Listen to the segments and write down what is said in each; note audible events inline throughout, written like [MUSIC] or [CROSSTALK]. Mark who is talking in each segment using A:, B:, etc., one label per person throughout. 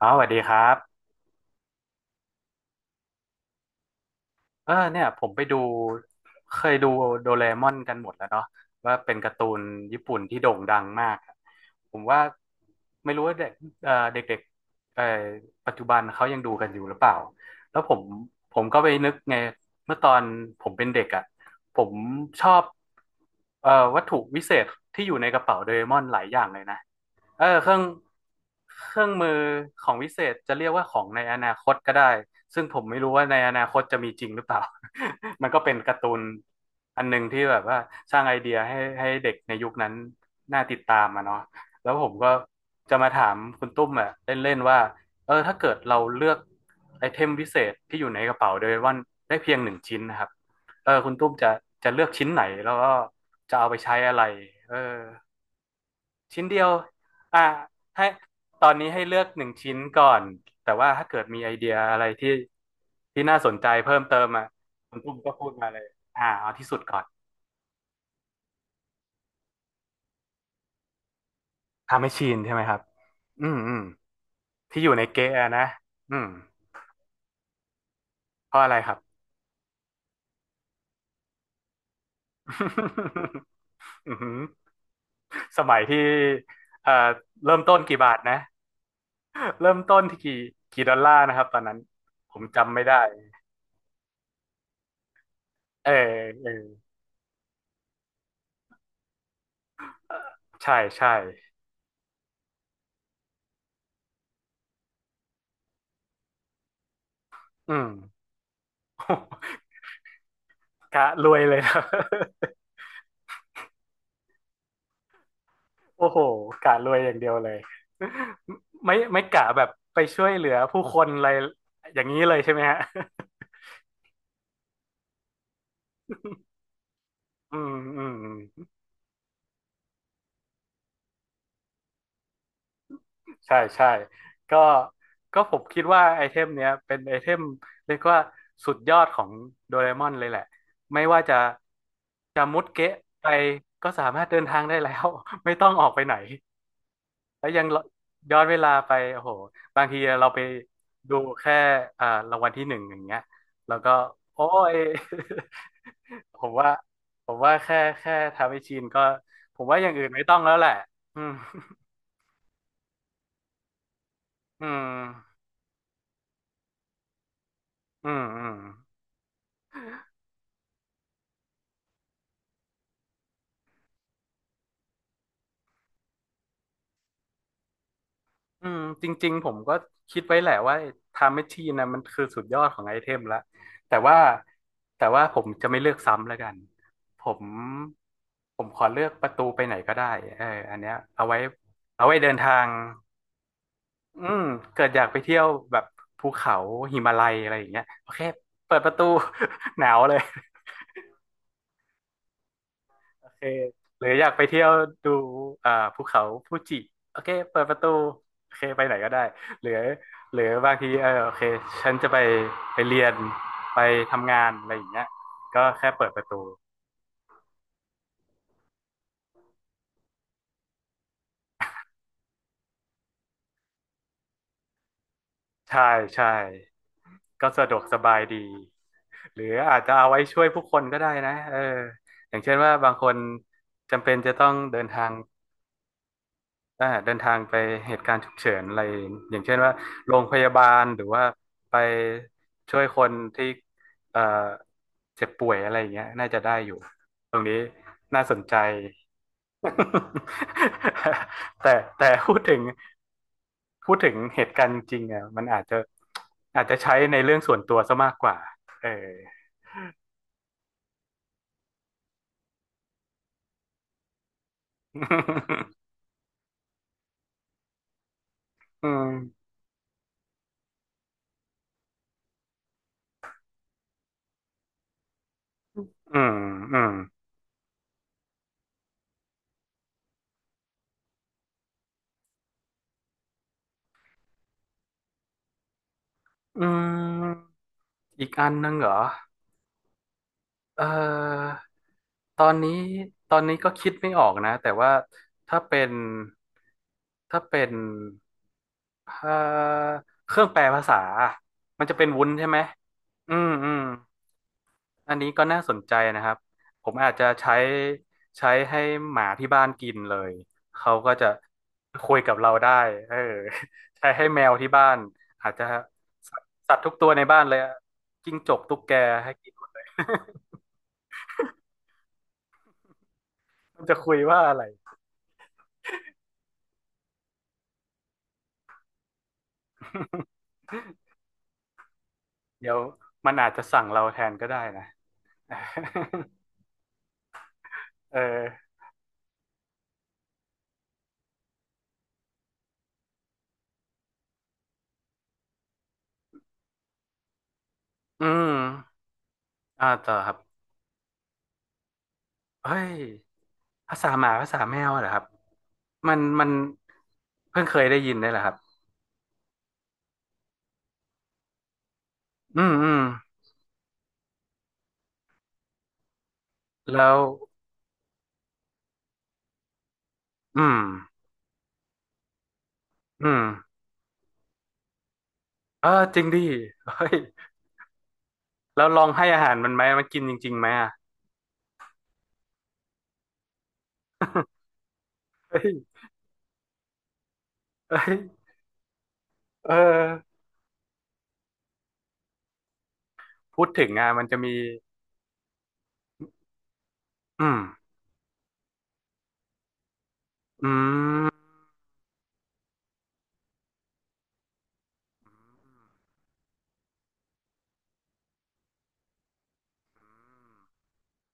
A: อ๋อสวัสดีครับเออเนี่ยผมไปดูเคยดูโดเรมอนกันหมดแล้วเนาะว่าเป็นการ์ตูนญี่ปุ่นที่โด่งดังมากอะผมว่าไม่รู้ว่าเด็กๆปัจจุบันเขายังดูกันอยู่หรือเปล่าแล้วผมก็ไปนึกไงเมื่อตอนผมเป็นเด็กอ่ะผมชอบเอ่อวัตถุวิเศษที่อยู่ในกระเป๋าโดเรมอนหลายอย่างเลยนะ เออเครื่องมือของวิเศษจะเรียกว่าของในอนาคตก็ได้ซึ่งผมไม่รู้ว่าในอนาคตจะมีจริงหรือเปล่า [LAUGHS] มันก็เป็นการ์ตูนอันหนึงที่แบบว่าสร้างไอเดียให้เด็กในยุคนั้นน่าติดตามอะเนาะแล้วผมก็จะมาถามคุณตุ้มอะเล่นๆว่าเออถ้าเกิดเราเลือกไอเทมวิเศษที่อยู่ในกระเป๋าโดยวันได้เพียงหนึ่งชิ้นนะครับเออคุณตุ้มจะเลือกชิ้นไหนแล้วก็จะเอาไปใช้อะไรเออ ชิ้นเดียวอ่าให้ตอนนี้ให้เลือกหนึ่งชิ้นก่อน แต่ว่าถ้าเกิดมีไอเดียอะไรที่น่าสนใจเพิ่มเติมอ่ะคุณตุ้มก็พูดมาเลยเอาที่สุดก่อนทำให้ชินใช่ไหมครับอืมอืมที่อยู่ในเกะอะนะอืมเพราะอะไรครับ [LAUGHS] อือหือสมัยที่เอ่อเริ่มต้นกี่บาทนะเริ่มต้นที่กี่ดอลลาร์นะครับตอนนั้นผมจำไม่ได้เออเออใช่ใช่อืม [LAUGHS] กะรวยเลยนะ [LAUGHS] โอ้โหกะรวยอย่างเดียวเลยไม่ไม่กะแบบไปช่วยเหลือผู้คนอะไรอย่างนี้เลยใช่ไหมฮะอืม [LAUGHS] อืมอืมใช่ใช่ก็ก็ผมคิดว่าไอเทมเนี้ยเป็นไอเทมเรียกว่าสุดยอดของโดเรมอนเลยแหละไม่ว่าจะมุดเกะไปก็สามารถเดินทางได้แล้ว [LAUGHS] ไม่ต้องออกไปไหน แล้วยังย้อนเวลาไปโอ้โหบางทีเราไปดูแค่อ่ารางวัลที่หนึ่งอย่างเงี้ยแล้วก็โอ้ย [LAUGHS] ผมว่าผมว่าแค่ทำให้ชินก็ผมว่าอย่างอื่นไม่ต้องแล้วแหละอืม [LAUGHS] อืมอืมอืม อืมจริงๆผมก็คิดไว้แหละว่าไทม์แมชชีนนะมันคือสุดยอดของไอเทมละแต่ว่าแต่ว่าผมจะไม่เลือกซ้ำแล้วกันผมผมขอเลือกประตูไปไหนก็ได้เอออันเนี้ยเอาไว้เดินทางอืมเกิดอยากไปเที่ยวแบบภูเขาหิมาลัยอะไรอย่างเงี้ยโอเคเปิดประตู [LAUGHS] หนาวเลย โอเคหรืออยากไปเที่ยวดูอ่าภูเขาฟูจิโอเคเปิดประตูโอเคไปไหนก็ได้หรือหรือบางทีเออโอเคฉันจะไปไปเรียนไปทำงานอะไรอย่างเงี้ยก็แค่เปิดประตูใช่ใช่ก็สะดวกสบายดีหรืออาจจะเอาไว้ช่วยผู้คนก็ได้นะเอออย่างเช่นว่าบางคนจำเป็นจะต้องเดินทาง อ่าเดินทางไปเหตุการณ์ฉุกเฉินอะไรอย่างเช่นว่าโรงพยาบาลหรือว่าไปช่วยคนที่เอ่อเจ็บป่วยอะไรอย่างเงี้ยน่าจะได้อยู่ตรงนี้น่าสนใจ [LAUGHS] แต่แต่พูดถึงเหตุการณ์จริงๆอ่ะมันอาจจะใช้ในเรื่องส่วนตัวซะมากกว่าเออ [LAUGHS] อืมอืมอืมอืมอีกอันนึงเหรอ เอ่อตอนนี้ ตอนนี้ก็คิดไม่ออกนะแต่ว่าถ้าเป็น ถ้าเป็นเอ่อเครื่องแปลภาษามันจะเป็นวุ้นใช่ไหมอืมอืมอันนี้ก็น่าสนใจนะครับ ผมอาจจะใช้ ให้หมาที่บ้านกินเลย เขาก็จะคุยกับเราได้เออ [LAUGHS] ใช้ให้แมวที่บ้านอาจจะสัตว์สัตว์ทุกตัวในบ้านเลยอะจิ้งจกตุ๊กแกให้กินหมดเลย [LAUGHS] มันจะคุยว่าอะไร เดี๋ยวมันอาจจะสั่งเราแทนก็ได้นะ [LAUGHS] เอออืมอ่าต่อครับเฮ้ยภาษาหมาภาษาแมวเหรอครับมันเพิ่งเคยได้ยินได้เหรอครับอืมอืมแล้วอืมอืมเออจริงดิเฮ้ยแล้วลองให้อาหารมันไหมมันกินจริงๆไหมอ่ะเฮ้ยเฮ้ยเออพูดถึงอ่ะมันจะมีอืมอืม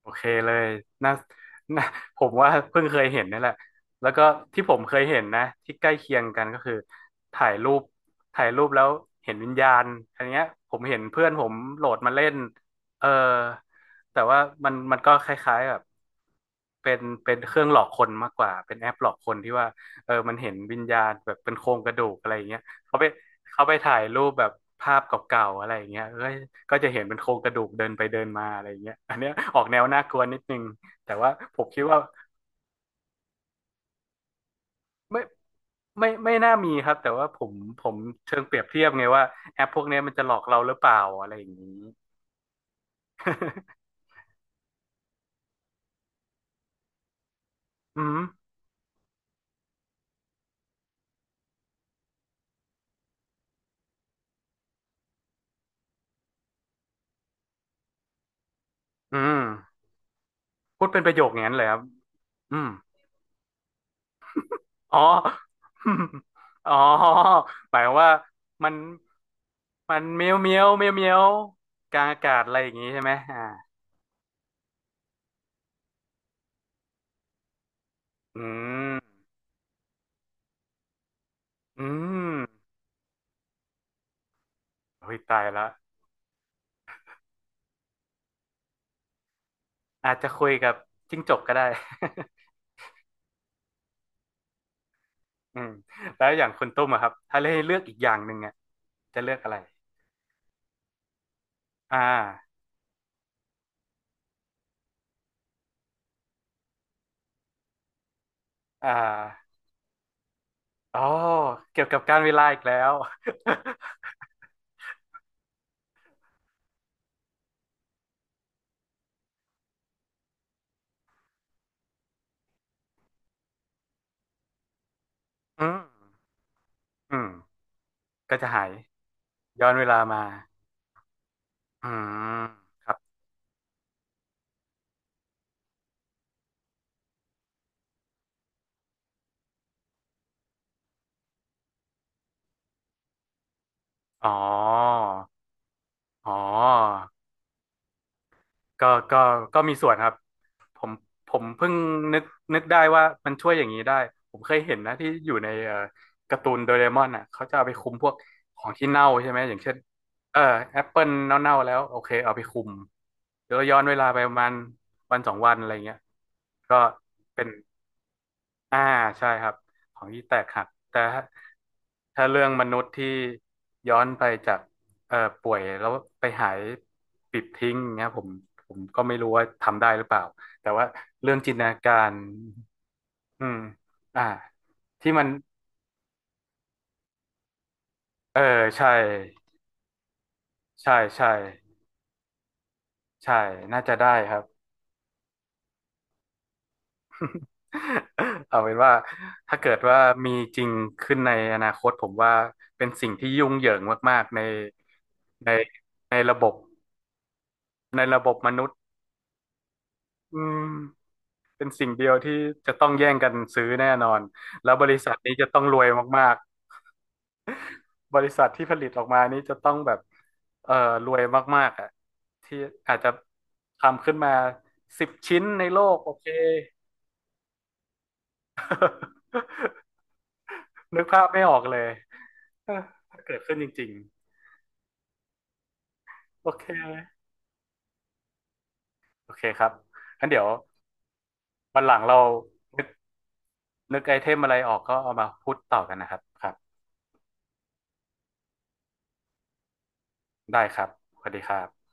A: โอเคเลยน่าน่าผมว่าเพิ่งเคยเห็นนี่แหละแล้วก็ที่ผมเคยเห็นนะที่ใกล้เคียงกันก็คือถ่ายรูปแล้วเห็นวิญญาณอันเนี้ยผมเห็นเพื่อนผมโหลดมาเล่นเออแต่ว่ามันก็คล้ายๆแบบเป็นเครื่องหลอกคนมากกว่าเป็นแอปหลอกคนที่ว่าเออมันเห็นวิญญาณแบบเป็นโครงกระดูกอะไรอย่างเงี้ย เขาไปเขาไปถ่ายรูปแบบภาพเก่าๆอะไรอย่างเงี้ยเอ้ยก็จะเห็นเป็นโครงกระดูกเดินไปเดินมาอะไรอย่างเงี้ยอันเนี้ยออกแนวน่ากลัวนิดนึงแต่ว่าผมคิดว่าไม่ไม่น่ามีครับแต่ว่าผมเชิงเปรียบเทียบไงว่าแอปพวกเนี้ยมันจะหลอกเราหรือเปล่าอะไรอย่างนี้อืมอืมพูดเป็นประโยคอย่างนั้นเลยครับอืมอ๋อ [LAUGHS] อ๋อหมายวว่ามันมันเมียวเมียวเมียวเมียวกลางอากาศอะไรอย่างนี้ใช่ไหมอืมอืมโอ้ยตายแล้วอาจจะคุยกับจิ้งจกก็ได้ [LAUGHS] อืมแล้วอย่างคุณตุ้มอะครับถ้าให้เลือกอีกอย่างหนึ่งอะจะเลือกอะไรอ่าอ่าอ๋อเกี่ยวกับการเวลาอีกแล้ว [LAUGHS] อืมอืมก็จะหายย้อนเวลามาอืมครับอ๋ออ๋อ ก็ก็ก็มีส่วนครับ ผมผมเพิ่งนึกนึกได้ว่ามันช่วยอย่างนี้ได้ ผมเคยเห็นนะที่อยู่ในการ์ตูนโดเรมอนอ่ะเขาจะเอาไปคุมพวกของที่เน่าใช่ไหม อย่างเช่นเออแอปเปิลเน่าๆแล้วโอเคเอาไปคุม เดี๋ยวย้อนเวลาไปประมาณวันสองวันอะไรเงี้ยก็เป็น อ่าใช่ครับของที่แตกหักแต่ถ้าถ้าเรื่องมนุษย์ที่ย้อนไปจากป่วยแล้วไปหายปิดทิ้งเงี้ยผมก็ไม่รู้ว่าทำได้หรือเปล่าแต่ว่าเรื่องจินตนาการอืมอ่าที่มันเออใช่ใช่ใช่ใช่น่าจะได้ครับ [LAUGHS] เอาเป็นว่าถ้าเกิดว่ามีจริงขึ้นในอนาคตผมว่าเป็นสิ่งที่ยุ่งเหยิงมากๆในในระบบ ในระบบมนุษย์อืมเป็นสิ่งเดียวที่จะต้องแย่งกันซื้อแน่นอนแล้วบริษัทนี้จะต้องรวยมากๆบริษัทที่ผลิตออกมานี้จะต้องแบบเอ่อรวยมากๆอ่ะที่อาจจะทำขึ้นมา10 ชิ้นในโลกโอเค [LAUGHS] นึกภาพไม่ออกเลยเออถ้าเกิดขึ้นจริงๆโอเคโอเคครับงั้นเดี๋ยววันหลังเรานึกนึกไอเทมอะไรออกก็เอามาพูดต่อกันนะครับครับได้ครับสวัสดีครับ